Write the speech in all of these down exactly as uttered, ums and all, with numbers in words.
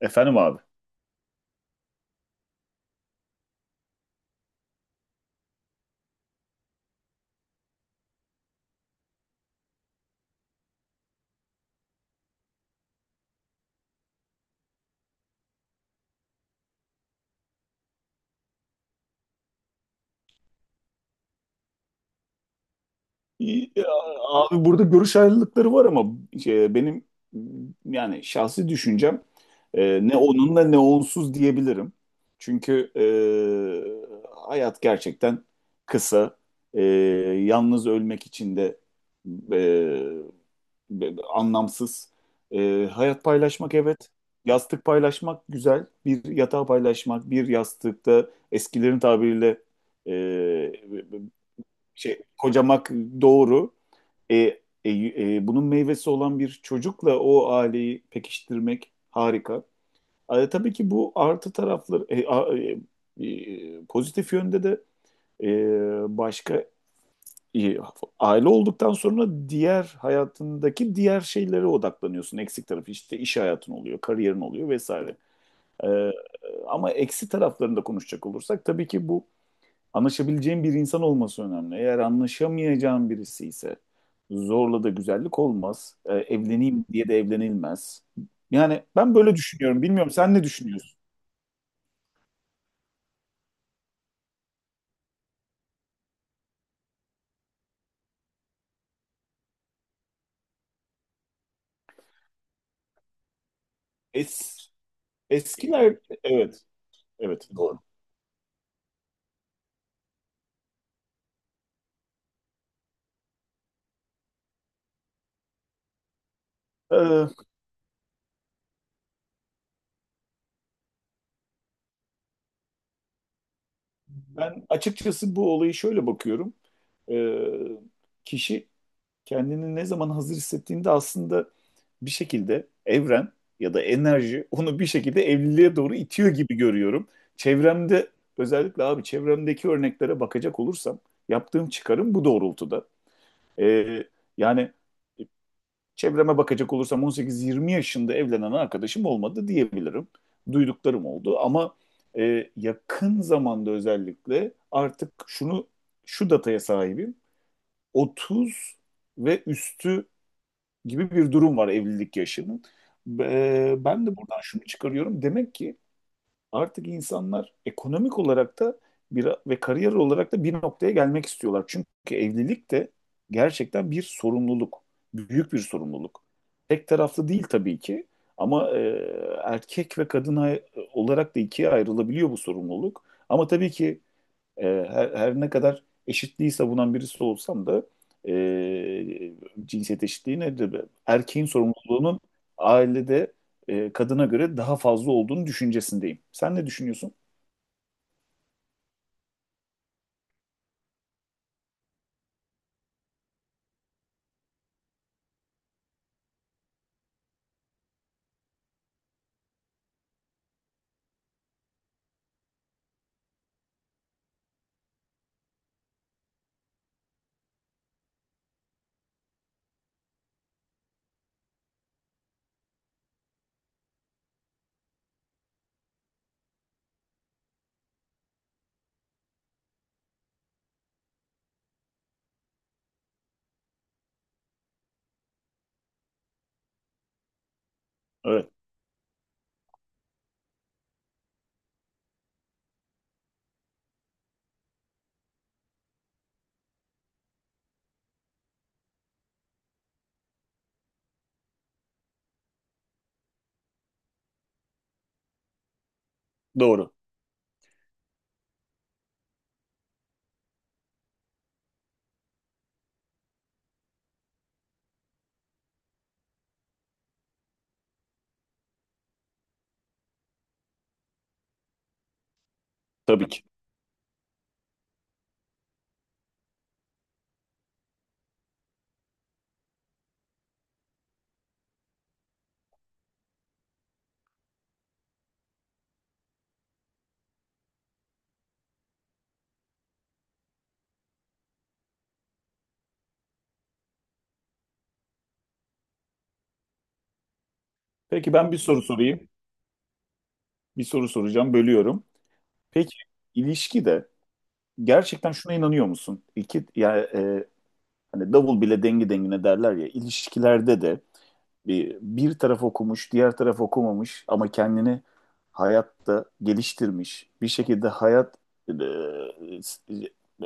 Efendim abi. İyi, ya, abi burada görüş ayrılıkları var ama şey, benim yani şahsi düşüncem, e, ne onunla ne onsuz diyebilirim. Çünkü e, hayat gerçekten kısa. E, Yalnız ölmek için de e, be- anlamsız. E, hayat paylaşmak, evet. Yastık paylaşmak güzel. Bir yatağı paylaşmak, bir yastıkta eskilerin tabiriyle e, şey, kocamak, doğru. E, e, e, Bunun meyvesi olan bir çocukla o aileyi pekiştirmek harika. E, tabii ki bu artı tarafları. E, a- e, e, pozitif yönde de e, başka, e, aile olduktan sonra diğer hayatındaki diğer şeylere odaklanıyorsun. Eksik tarafı işte iş hayatın oluyor, kariyerin oluyor vesaire. E, Ama eksi taraflarında konuşacak olursak tabii ki bu, anlaşabileceğin bir insan olması önemli. Eğer anlaşamayacağın birisi ise zorla da güzellik olmaz. Ee, evleneyim diye de evlenilmez. Yani ben böyle düşünüyorum. Bilmiyorum, sen ne düşünüyorsun? Es, eskiler, evet, evet, doğru. Ee, Ben açıkçası bu olayı şöyle bakıyorum. Ee, Kişi kendini ne zaman hazır hissettiğinde aslında bir şekilde evren ya da enerji onu bir şekilde evliliğe doğru itiyor gibi görüyorum. Çevremde, özellikle abi, çevremdeki örneklere bakacak olursam yaptığım çıkarım bu doğrultuda. Ee, yani e, Çevreme bakacak olursam on sekiz yirmi yaşında evlenen arkadaşım olmadı diyebilirim. Duyduklarım oldu ama e, yakın zamanda özellikle artık şunu şu dataya sahibim. otuz ve üstü gibi bir durum var evlilik yaşının. Ee, ben de buradan şunu çıkarıyorum. Demek ki artık insanlar ekonomik olarak da bir, ve kariyer olarak da bir noktaya gelmek istiyorlar. Çünkü evlilik de gerçekten bir sorumluluk, büyük bir sorumluluk. Tek taraflı değil tabii ki, ama e, erkek ve kadın ay- olarak da ikiye ayrılabiliyor bu sorumluluk. Ama tabii ki, e, her, her ne kadar eşitliği savunan birisi olsam da, e, cinsiyet eşitliği nedir? Erkeğin sorumluluğunun ailede e, kadına göre daha fazla olduğunu düşüncesindeyim. Sen ne düşünüyorsun? Evet, doğru. Tabii ki. Peki, ben bir soru sorayım. Bir soru soracağım, bölüyorum. Peki, ilişkide gerçekten şuna inanıyor musun? İki, ya, e, hani davul bile dengi dengine derler ya, ilişkilerde de bir, bir taraf okumuş, diğer taraf okumamış ama kendini hayatta geliştirmiş, bir şekilde hayat e,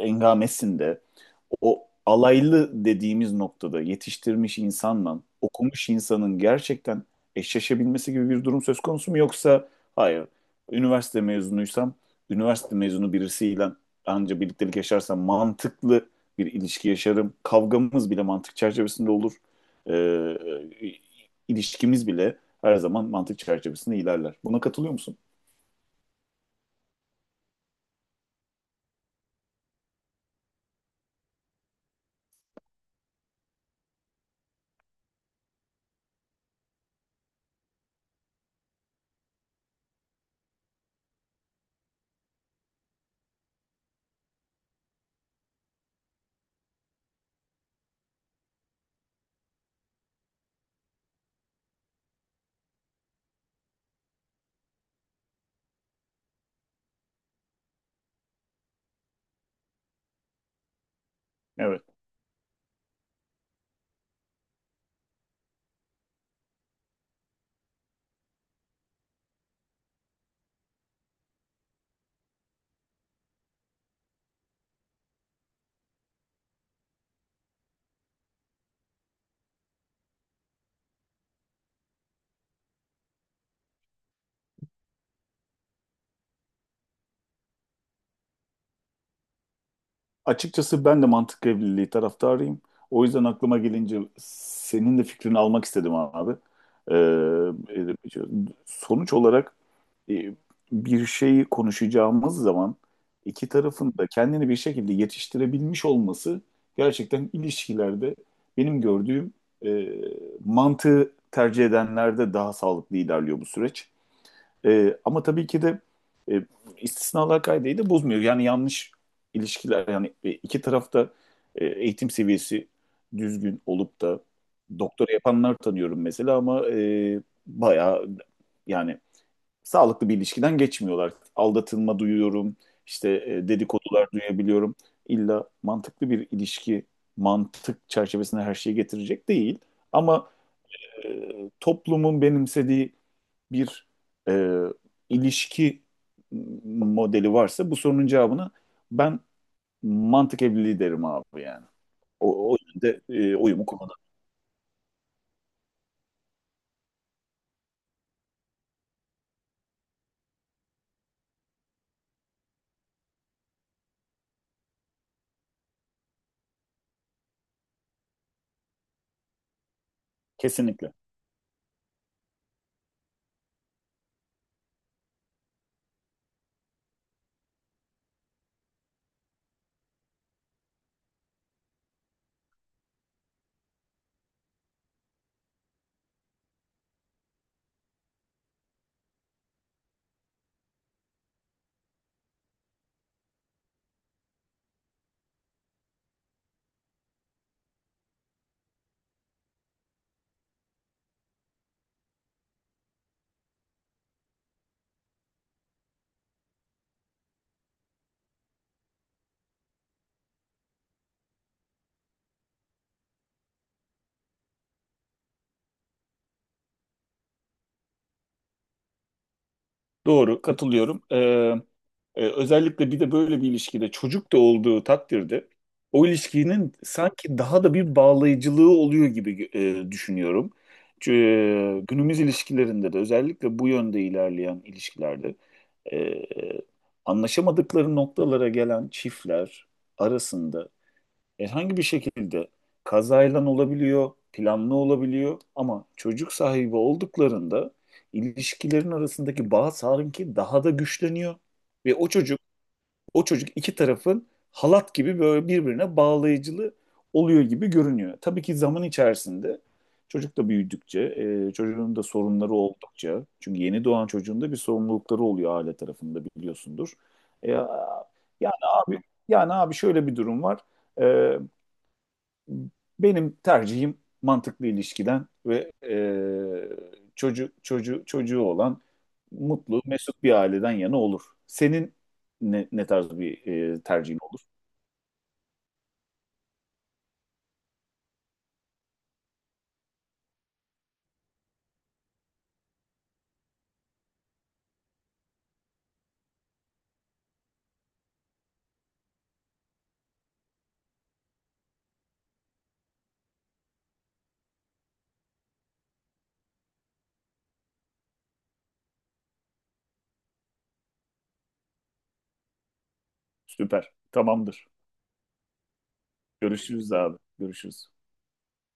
engamesinde o alaylı dediğimiz noktada yetiştirmiş insanla okumuş insanın gerçekten eşleşebilmesi gibi bir durum söz konusu mu? Yoksa hayır, üniversite mezunuysam üniversite mezunu birisiyle anca birliktelik yaşarsam mantıklı bir ilişki yaşarım. Kavgamız bile mantık çerçevesinde olur. Ee, ilişkimiz bile her zaman mantık çerçevesinde ilerler. Buna katılıyor musun? Evet. Açıkçası ben de mantık evliliği taraftarıyım. O yüzden aklıma gelince senin de fikrini almak istedim abi. Ee, e, Sonuç olarak, e, bir şeyi konuşacağımız zaman iki tarafın da kendini bir şekilde yetiştirebilmiş olması, gerçekten ilişkilerde benim gördüğüm, e, mantığı tercih edenlerde daha sağlıklı ilerliyor bu süreç. E, ama tabii ki de e, istisnalar kaideyi de bozmuyor. Yani yanlış ilişkiler, yani e, iki tarafta e, eğitim seviyesi düzgün olup da doktora yapanlar tanıyorum mesela ama e, bayağı, yani sağlıklı bir ilişkiden geçmiyorlar. Aldatılma duyuyorum, işte e, dedikodular duyabiliyorum. İlla mantıklı bir ilişki mantık çerçevesinde her şeyi getirecek değil. Ama e, toplumun benimsediği bir, e, ilişki modeli varsa, bu sorunun cevabını ben mantık evliliği derim abi, yani. O, o yönde e, oyumu kullanırım. Kesinlikle. Doğru, katılıyorum. Ee, e, özellikle bir de böyle bir ilişkide çocuk da olduğu takdirde o ilişkinin sanki daha da bir bağlayıcılığı oluyor gibi e, düşünüyorum. Çünkü e, günümüz ilişkilerinde de, özellikle bu yönde ilerleyen ilişkilerde, e, anlaşamadıkları noktalara gelen çiftler arasında herhangi bir şekilde kazayla olabiliyor, planlı olabiliyor, ama çocuk sahibi olduklarında ilişkilerin arasındaki bağ sanki daha da güçleniyor ve o çocuk o çocuk iki tarafın halat gibi böyle birbirine bağlayıcılı oluyor gibi görünüyor. Tabii ki zaman içerisinde çocuk da büyüdükçe, e, çocuğun da sorunları oldukça, çünkü yeni doğan çocuğun da bir sorumlulukları oluyor aile tarafında, biliyorsundur. E, yani abi yani abi, şöyle bir durum var. E, Benim tercihim mantıklı ilişkiden ve e, çocuğu çocu, çocuğu olan mutlu, mesut bir aileden yana olur. Senin ne, ne tarz bir e, tercihin olur? Süper. Tamamdır. Görüşürüz abi. Görüşürüz.